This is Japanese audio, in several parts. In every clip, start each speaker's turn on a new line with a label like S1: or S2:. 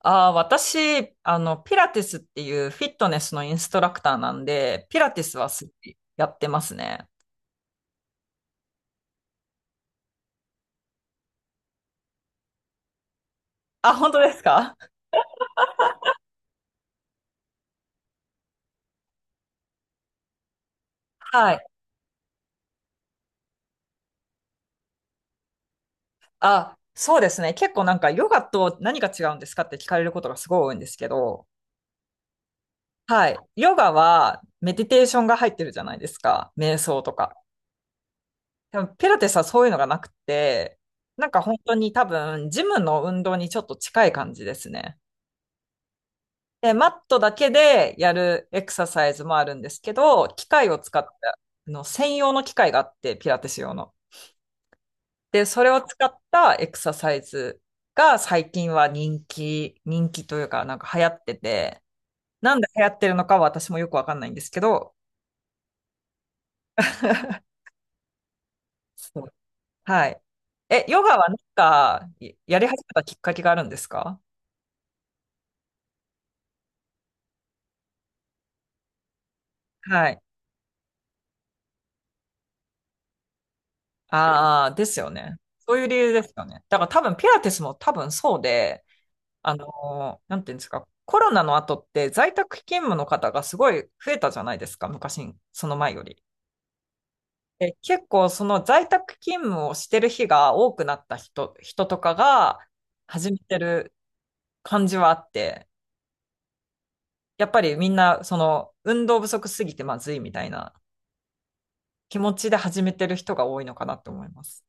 S1: あー私、ピラティスっていうフィットネスのインストラクターなんで、ピラティスはすごいやってますね。あ、本当ですか？はい。あ、そうですね。結構なんかヨガと何が違うんですかって聞かれることがすごい多いんですけど、はい。ヨガはメディテーションが入ってるじゃないですか。瞑想とか。でもピラティスはそういうのがなくて、なんか本当に多分ジムの運動にちょっと近い感じですね。で、マットだけでやるエクササイズもあるんですけど、機械を使った、あの専用の機械があって、ピラティス用の。で、それを使ったエクササイズが最近は人気というか、なんか流行ってて、なんで流行ってるのかは私もよくわかんないんですけど、そう、はい。え、ヨガはなんか、やり始めたきっかけがあるんですか？はい。ああ、ですよね。そういう理由ですよね。だから多分ピラティスも多分そうで、なんていうんですか、コロナの後って在宅勤務の方がすごい増えたじゃないですか、昔、その前より。で結構その在宅勤務をしてる日が多くなった人とかが始めてる感じはあって、やっぱりみんなその運動不足すぎてまずいみたいな気持ちで始めてる人が多いのかなと思います。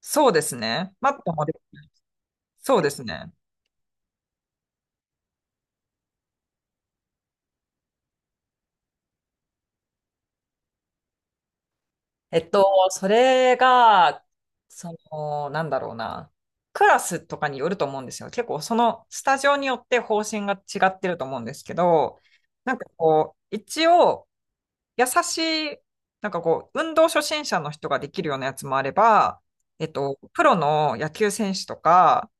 S1: そうですね。マットも、そうですね。えっと、それが、その、なんだろうな、クラスとかによると思うんですよ。結構、そのスタジオによって方針が違ってると思うんですけど、なんかこう、一応、優しい、なんかこう、運動初心者の人ができるようなやつもあれば、えっと、プロの野球選手とか、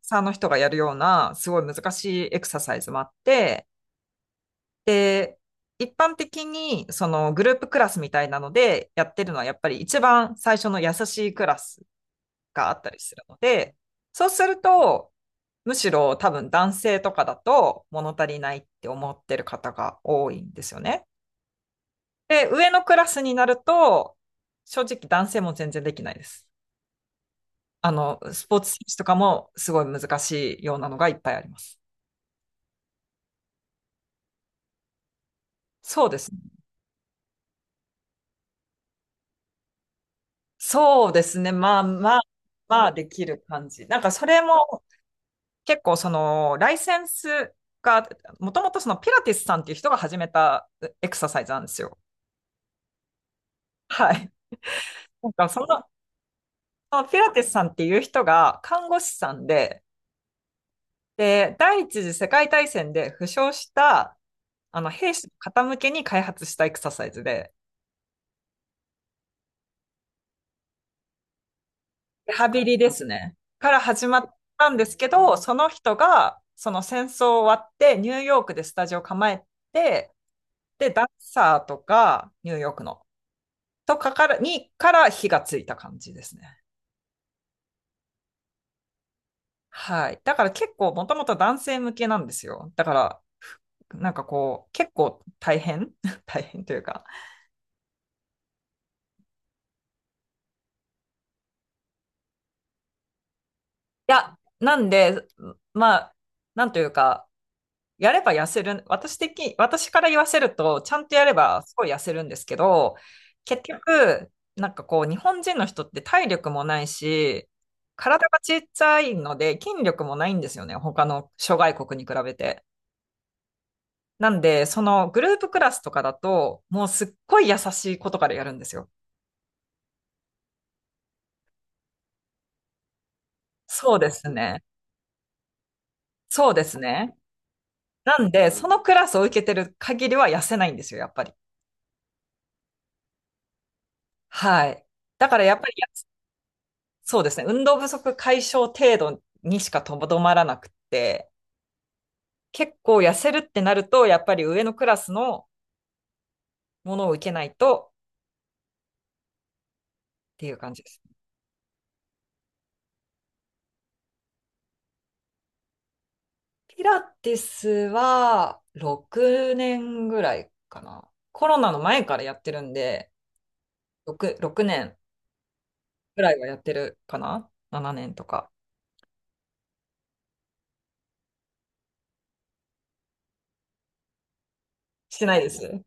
S1: サーの人がやるような、すごい難しいエクササイズもあって、で、一般的にそのグループクラスみたいなのでやってるのはやっぱり一番最初の優しいクラスがあったりするので、そうすると、むしろ多分男性とかだと物足りないって思ってる方が多いんですよね。で、上のクラスになると、正直男性も全然できないです。あの、スポーツ選手とかもすごい難しいようなのがいっぱいあります。そうですね。そうですね。まあまあ、まあできる感じ。なんかそれも結構そのライセンスが、もともとそのピラティスさんっていう人が始めたエクササイズなんですよ。はい。なんかその、そのピラティスさんっていう人が看護師さんで、で、第一次世界大戦で負傷したあの兵士の方向けに開発したエクササイズで、リハビリですね。から始まったんですけど、その人がその戦争終わってニューヨークでスタジオ構えて、で、ダンサーとか、ニューヨークの、とかから、にから火がついた感じですね。はい。だから結構もともと男性向けなんですよ。だから、なんかこう、結構大変 大変というか。いや、なんで、まあ、なんというか、やれば痩せる、私的、私から言わせると、ちゃんとやればすごい痩せるんですけど、結局、なんかこう、日本人の人って体力もないし、体がちっちゃいので、筋力もないんですよね。他の諸外国に比べて。なんで、そのグループクラスとかだと、もうすっごい優しい子とかでやるんですよ。そうですね。そうですね。なんで、そのクラスを受けてる限りは痩せないんですよ、やっぱり。はい。だからやっぱり、やそうですね。運動不足解消程度にしかとどまらなくって、結構痩せるってなると、やっぱり上のクラスのものを受けないとっていう感じです。ピラティスは6年ぐらいかな。コロナの前からやってるんで、6、6年ぐらいはやってるかな？ 7 年とか。してないです。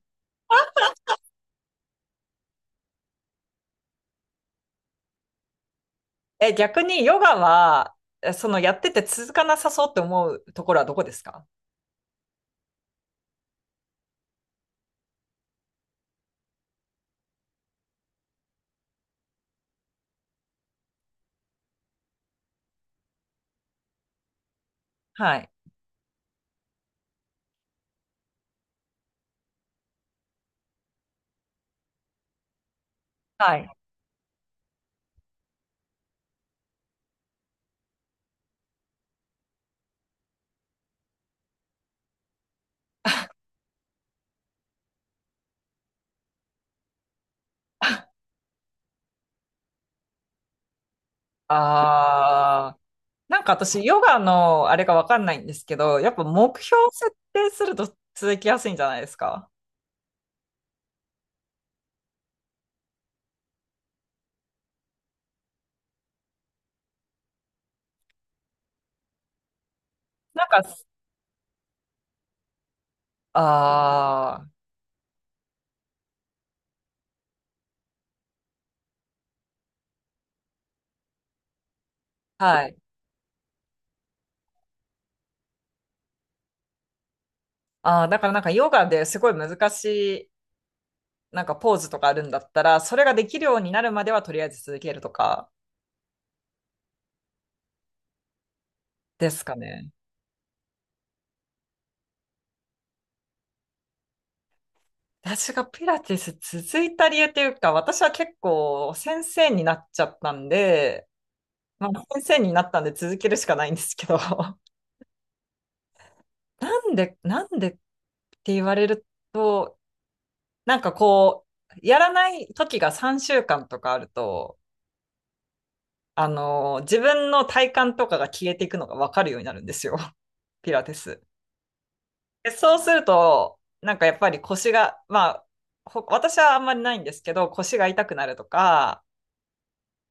S1: え、逆にヨガは、えそのやってて続かなさそうって思うところはどこですか？はい。はい。あー、なんか私、ヨガのあれがわかんないんですけど、やっぱ目標設定すると続きやすいんじゃないですか？なんか、あー、はい。あー、だからなんかヨガですごい難しい、なんかポーズとかあるんだったら、それができるようになるまではとりあえず続けるとかですかね。私がピラティス続いた理由っていうか、私は結構先生になっちゃったんで、まあ、先生になったんで続けるしかないんですけど、なんで、なんでって言われると、なんかこう、やらない時が3週間とかあると、あの、自分の体感とかが消えていくのがわかるようになるんですよ。ピラティス。でそうすると、なんかやっぱり腰が、まあ、ほ私はあんまりないんですけど、腰が痛くなるとか、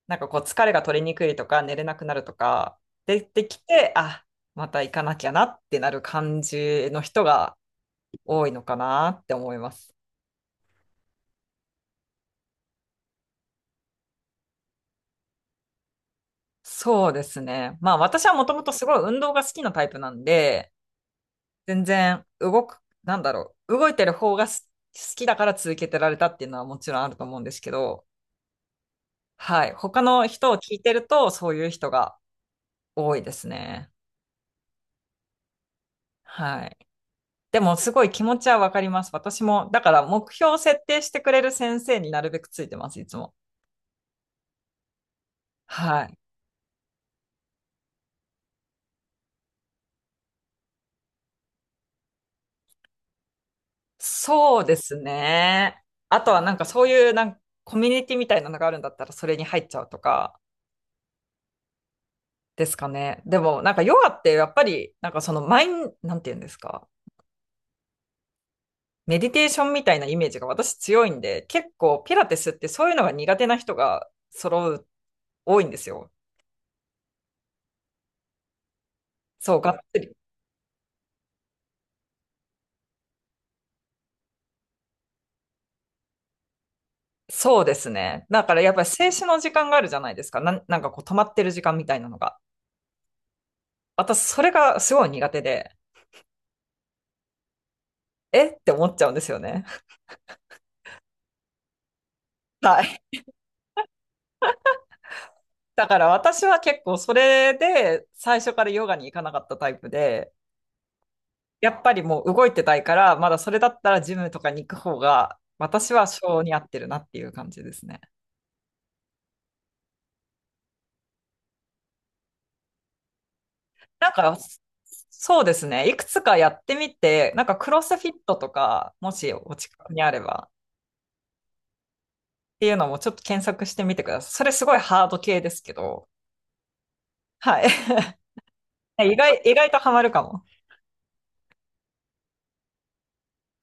S1: なんかこう疲れが取れにくいとか寝れなくなるとか出てきて、あ、また行かなきゃなってなる感じの人が多いのかなって思います。そうですね。まあ私はもともとすごい運動が好きなタイプなんで、全然動く、なんだろう、動いてる方がす好きだから続けてられたっていうのはもちろんあると思うんですけど、はい。他の人を聞いてるとそういう人が多いですね。はい。でもすごい気持ちはわかります。私も、だから目標を設定してくれる先生になるべくついてます、いつも。はい。そうですね。あとはなんかそういうなんかコミュニティみたいなのがあるんだったらそれに入っちゃうとかですかね。でもなんかヨガってやっぱりなんかそのマイン、なんて言うんですか。メディテーションみたいなイメージが私強いんで、結構ピラティスってそういうのが苦手な人が揃う、多いんですよ。そう、がっつり。そうですね。だからやっぱり静止の時間があるじゃないですか。なん、なんかこう止まってる時間みたいなのが。私、それがすごい苦手で、えって思っちゃうんですよね。はい。だから私は結構それで最初からヨガに行かなかったタイプで、やっぱりもう動いてたいから、まだそれだったらジムとかに行く方が、私は性に合ってるなっていう感じですね。なんか、そうですね。いくつかやってみて、なんかクロスフィットとか、もしお近くにあれば、っていうのもちょっと検索してみてください。それすごいハード系ですけど、はい。意外とハマるかも。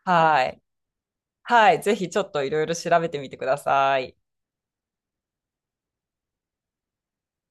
S1: はい。はい。ぜひちょっといろいろ調べてみてください。